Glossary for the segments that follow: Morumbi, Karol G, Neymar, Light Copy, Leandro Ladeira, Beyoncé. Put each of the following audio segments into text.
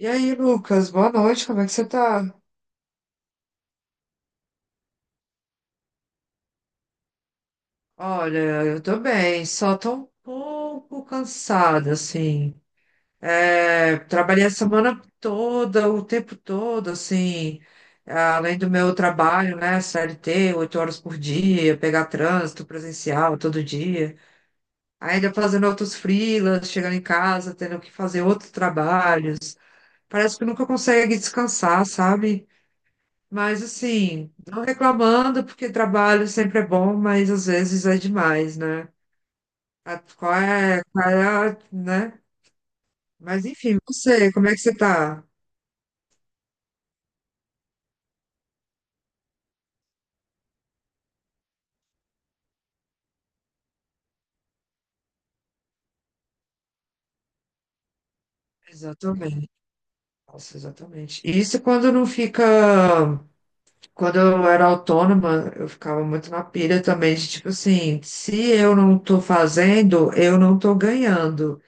E aí, Lucas, boa noite, como é que você tá? Olha, eu tô bem, só tô um pouco cansada, assim. É, trabalhei a semana toda, o tempo todo, assim, além do meu trabalho, né, CLT, 8 horas por dia, pegar trânsito presencial todo dia, ainda fazendo outros freelas, chegando em casa, tendo que fazer outros trabalhos. Parece que nunca consegue descansar, sabe? Mas assim, não reclamando, porque trabalho sempre é bom, mas às vezes é demais, né? Qual é, né? Mas enfim, você, como é que você tá? Exatamente. Nossa, exatamente. Isso quando não fica. Quando eu era autônoma, eu ficava muito na pilha também, de tipo assim, se eu não tô fazendo, eu não tô ganhando.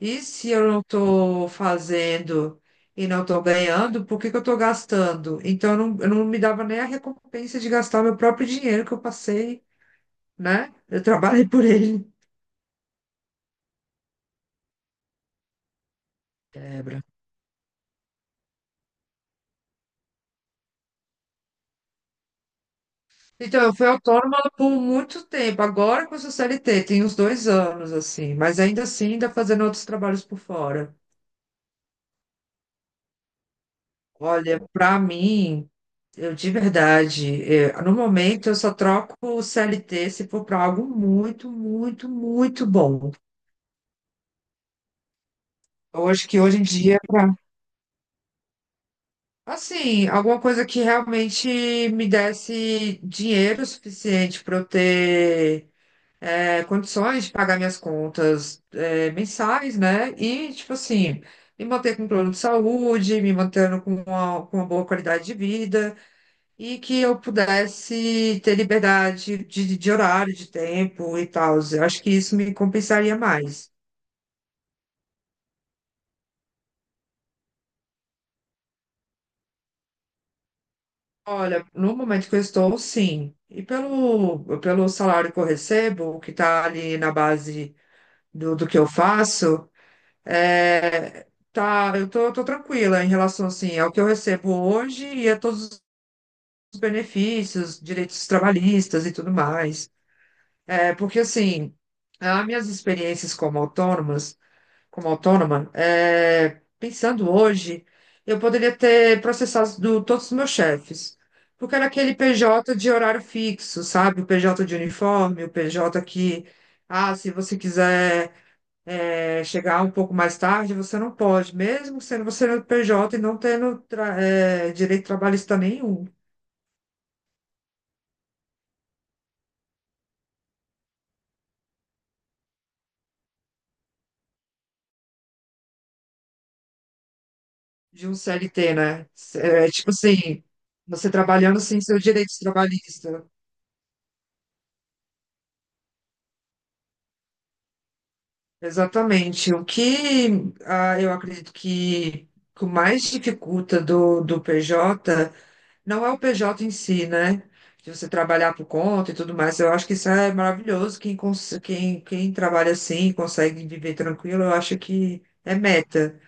E se eu não estou fazendo e não estou ganhando, por que que eu estou gastando? Então, eu não me dava nem a recompensa de gastar meu próprio dinheiro que eu passei, né? Eu trabalhei por ele. Quebra. Então, eu fui autônoma por muito tempo. Agora com o CLT, tem uns 2 anos, assim. Mas ainda assim, ainda fazendo outros trabalhos por fora. Olha, para mim, eu de verdade, no momento, eu só troco o CLT se for para algo muito, muito, muito bom. Eu acho que hoje em dia, pra, assim, alguma coisa que realmente me desse dinheiro suficiente para eu ter, condições de pagar minhas contas, mensais, né? E, tipo assim, me manter com um plano de saúde, me mantendo com uma boa qualidade de vida e que eu pudesse ter liberdade de horário, de tempo e tal. Eu acho que isso me compensaria mais. Olha, no momento que eu estou, sim. E pelo salário que eu recebo, que está ali na base do que eu faço, é, tá, eu tô tranquila em relação assim, ao que eu recebo hoje e a todos os benefícios, direitos trabalhistas e tudo mais. É, porque assim, as minhas experiências como autônoma, pensando hoje, eu poderia ter processado todos os meus chefes. Porque era aquele PJ de horário fixo, sabe? O PJ de uniforme, o PJ que, se você quiser, chegar um pouco mais tarde, você não pode, mesmo sendo você no PJ e não tendo direito trabalhista nenhum de um CLT, né? É, tipo assim, você trabalhando sem seus direitos trabalhistas. Exatamente. Eu acredito que o mais dificulta do PJ não é o PJ em si, né? De você trabalhar por conta e tudo mais. Eu acho que isso é maravilhoso. Quem trabalha assim, consegue viver tranquilo, eu acho que é meta.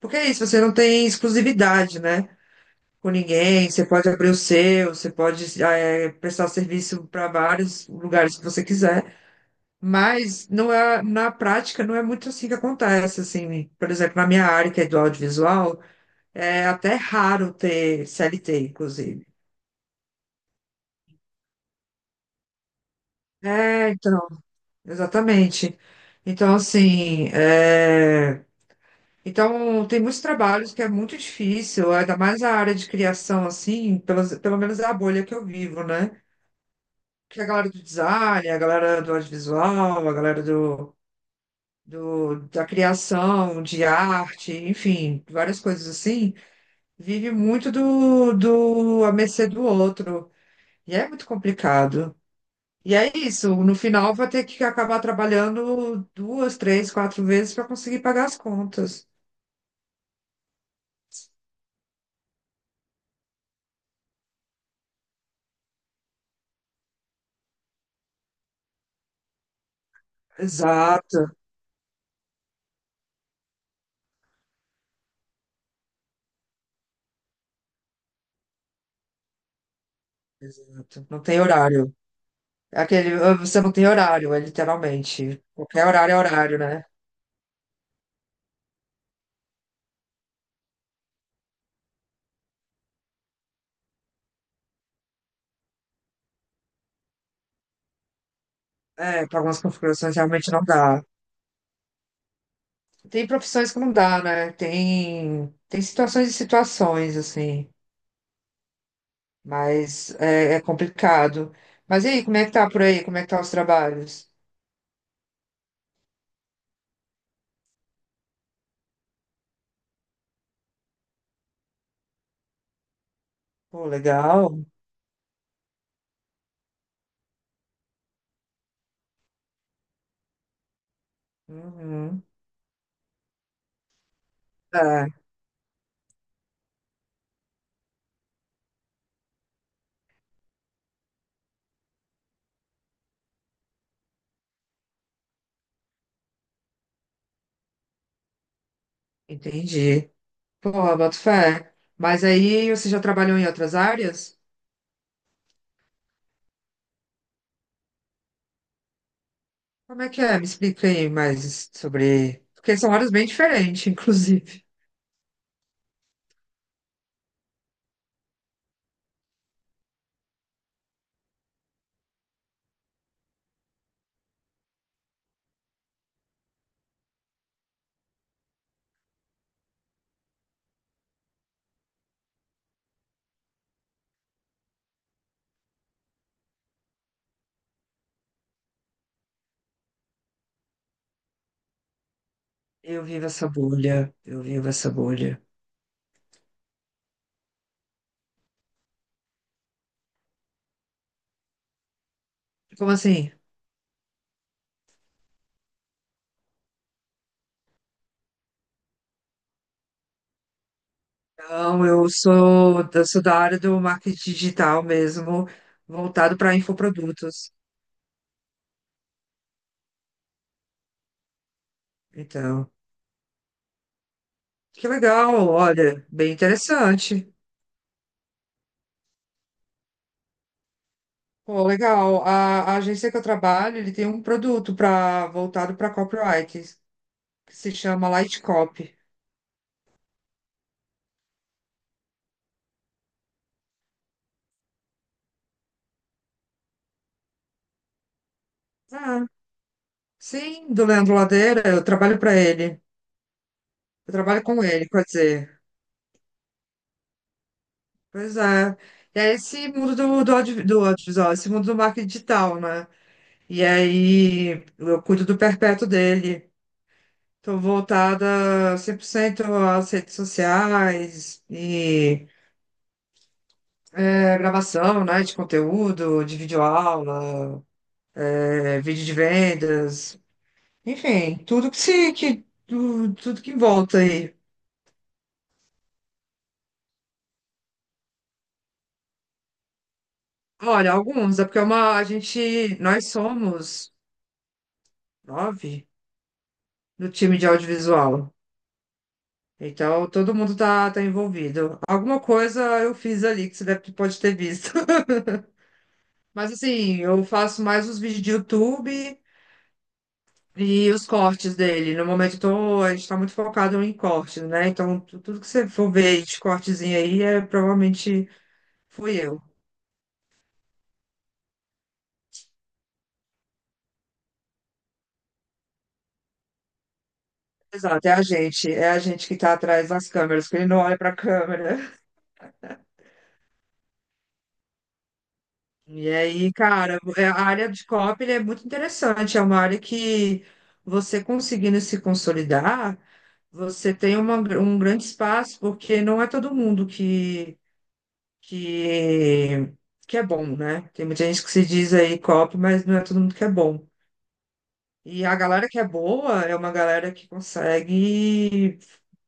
Porque é isso, você não tem exclusividade, né? Com ninguém, você pode abrir o seu, você pode prestar serviço para vários lugares que você quiser. Mas não é, na prática não é muito assim que acontece, assim, por exemplo, na minha área, que é do audiovisual, é até raro ter CLT, inclusive. É, então, exatamente. Então, assim, então tem muitos trabalhos que é muito difícil, ainda mais a área de criação, assim, pelo menos é a bolha que eu vivo, né? Que é a galera do design, a galera do audiovisual, a galera da criação, de arte, enfim, várias coisas assim. Vive muito do, do à mercê do outro. E é muito complicado. E é isso, no final vai ter que acabar trabalhando duas, três, quatro vezes para conseguir pagar as contas. Exato, exato. Não tem horário. É aquele, "Ah, você não tem horário", é literalmente. Qualquer horário é horário, né? É, para algumas configurações realmente não dá. Tem profissões que não dá, né? Tem situações e situações, assim. Mas é complicado. Mas e aí, como é que tá por aí? Como é que tá os trabalhos? Pô, legal. Uhum. Tá, entendi. Pô, boto fé. Mas aí você já trabalhou em outras áreas? Como é que é? Me explica aí mais sobre. Porque são áreas bem diferentes, inclusive. Eu vivo essa bolha. Eu vivo essa bolha. Como assim? Não, eu sou da área do marketing digital mesmo, voltado para infoprodutos. Então. Que legal, olha, bem interessante. Pô, legal. A agência que eu trabalho, ele tem um produto para voltado para copyright, que se chama Light Copy. Ah, sim, do Leandro Ladeira, eu trabalho para ele. Eu trabalho com ele, quer dizer. Pois é. E é esse mundo do audiovisual, esse mundo do marketing digital, né? E aí eu cuido do perpétuo dele. Estou voltada 100% às redes sociais e gravação, né, de conteúdo, de videoaula, vídeo de vendas, enfim, tudo que se que tu- tudo que volta aí. Olha, alguns, é porque é uma a gente nós somos 9 no time de audiovisual. Então todo mundo tá envolvido. Alguma coisa eu fiz ali que você pode ter visto. Mas assim, eu faço mais os vídeos de YouTube. E os cortes dele. No momento a gente tá muito focado em cortes, né? Então, tudo que você for ver de cortezinho aí, provavelmente fui eu. Exato, é a gente. É a gente que tá atrás das câmeras, que ele não olha pra câmera. E aí, cara, a área de copy é muito interessante. É uma área que você, conseguindo se consolidar, você tem um grande espaço, porque não é todo mundo que que, que é bom, né? Tem muita gente que se diz aí copy, mas não é todo mundo que é bom. E a galera que é boa é uma galera que consegue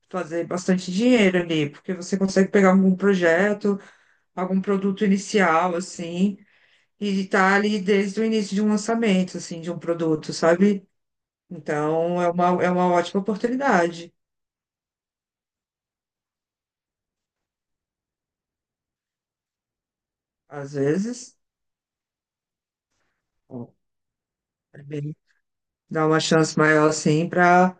fazer bastante dinheiro ali, porque você consegue pegar algum projeto, algum produto inicial, assim, e tá ali desde o início de um lançamento, assim, de um produto, sabe? Então, é uma ótima oportunidade. Às vezes, ó, é bem- dá uma chance maior, assim, para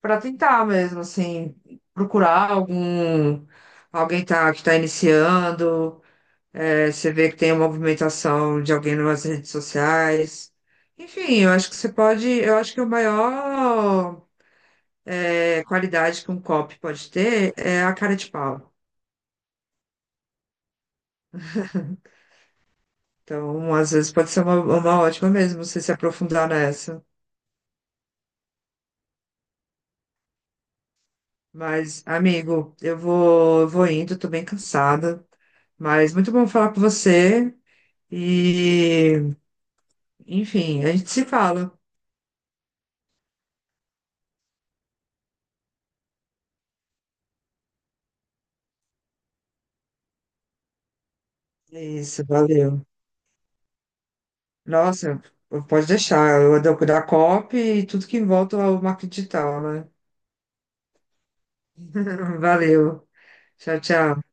tentar mesmo, assim, procurar algum alguém, tá, que está iniciando, você vê que tem uma movimentação de alguém nas redes sociais. Enfim, eu acho que a maior, qualidade que um copy pode ter é a cara de pau. Então, às vezes pode ser uma ótima mesmo, você se aprofundar nessa. Mas, amigo, eu vou indo, tô bem cansada. Mas muito bom falar com você. E Enfim, a gente se fala. É isso, valeu. Nossa, pode deixar. Eu ando da COP e tudo que envolve ao marketing digital, né? Valeu. Tchau, tchau.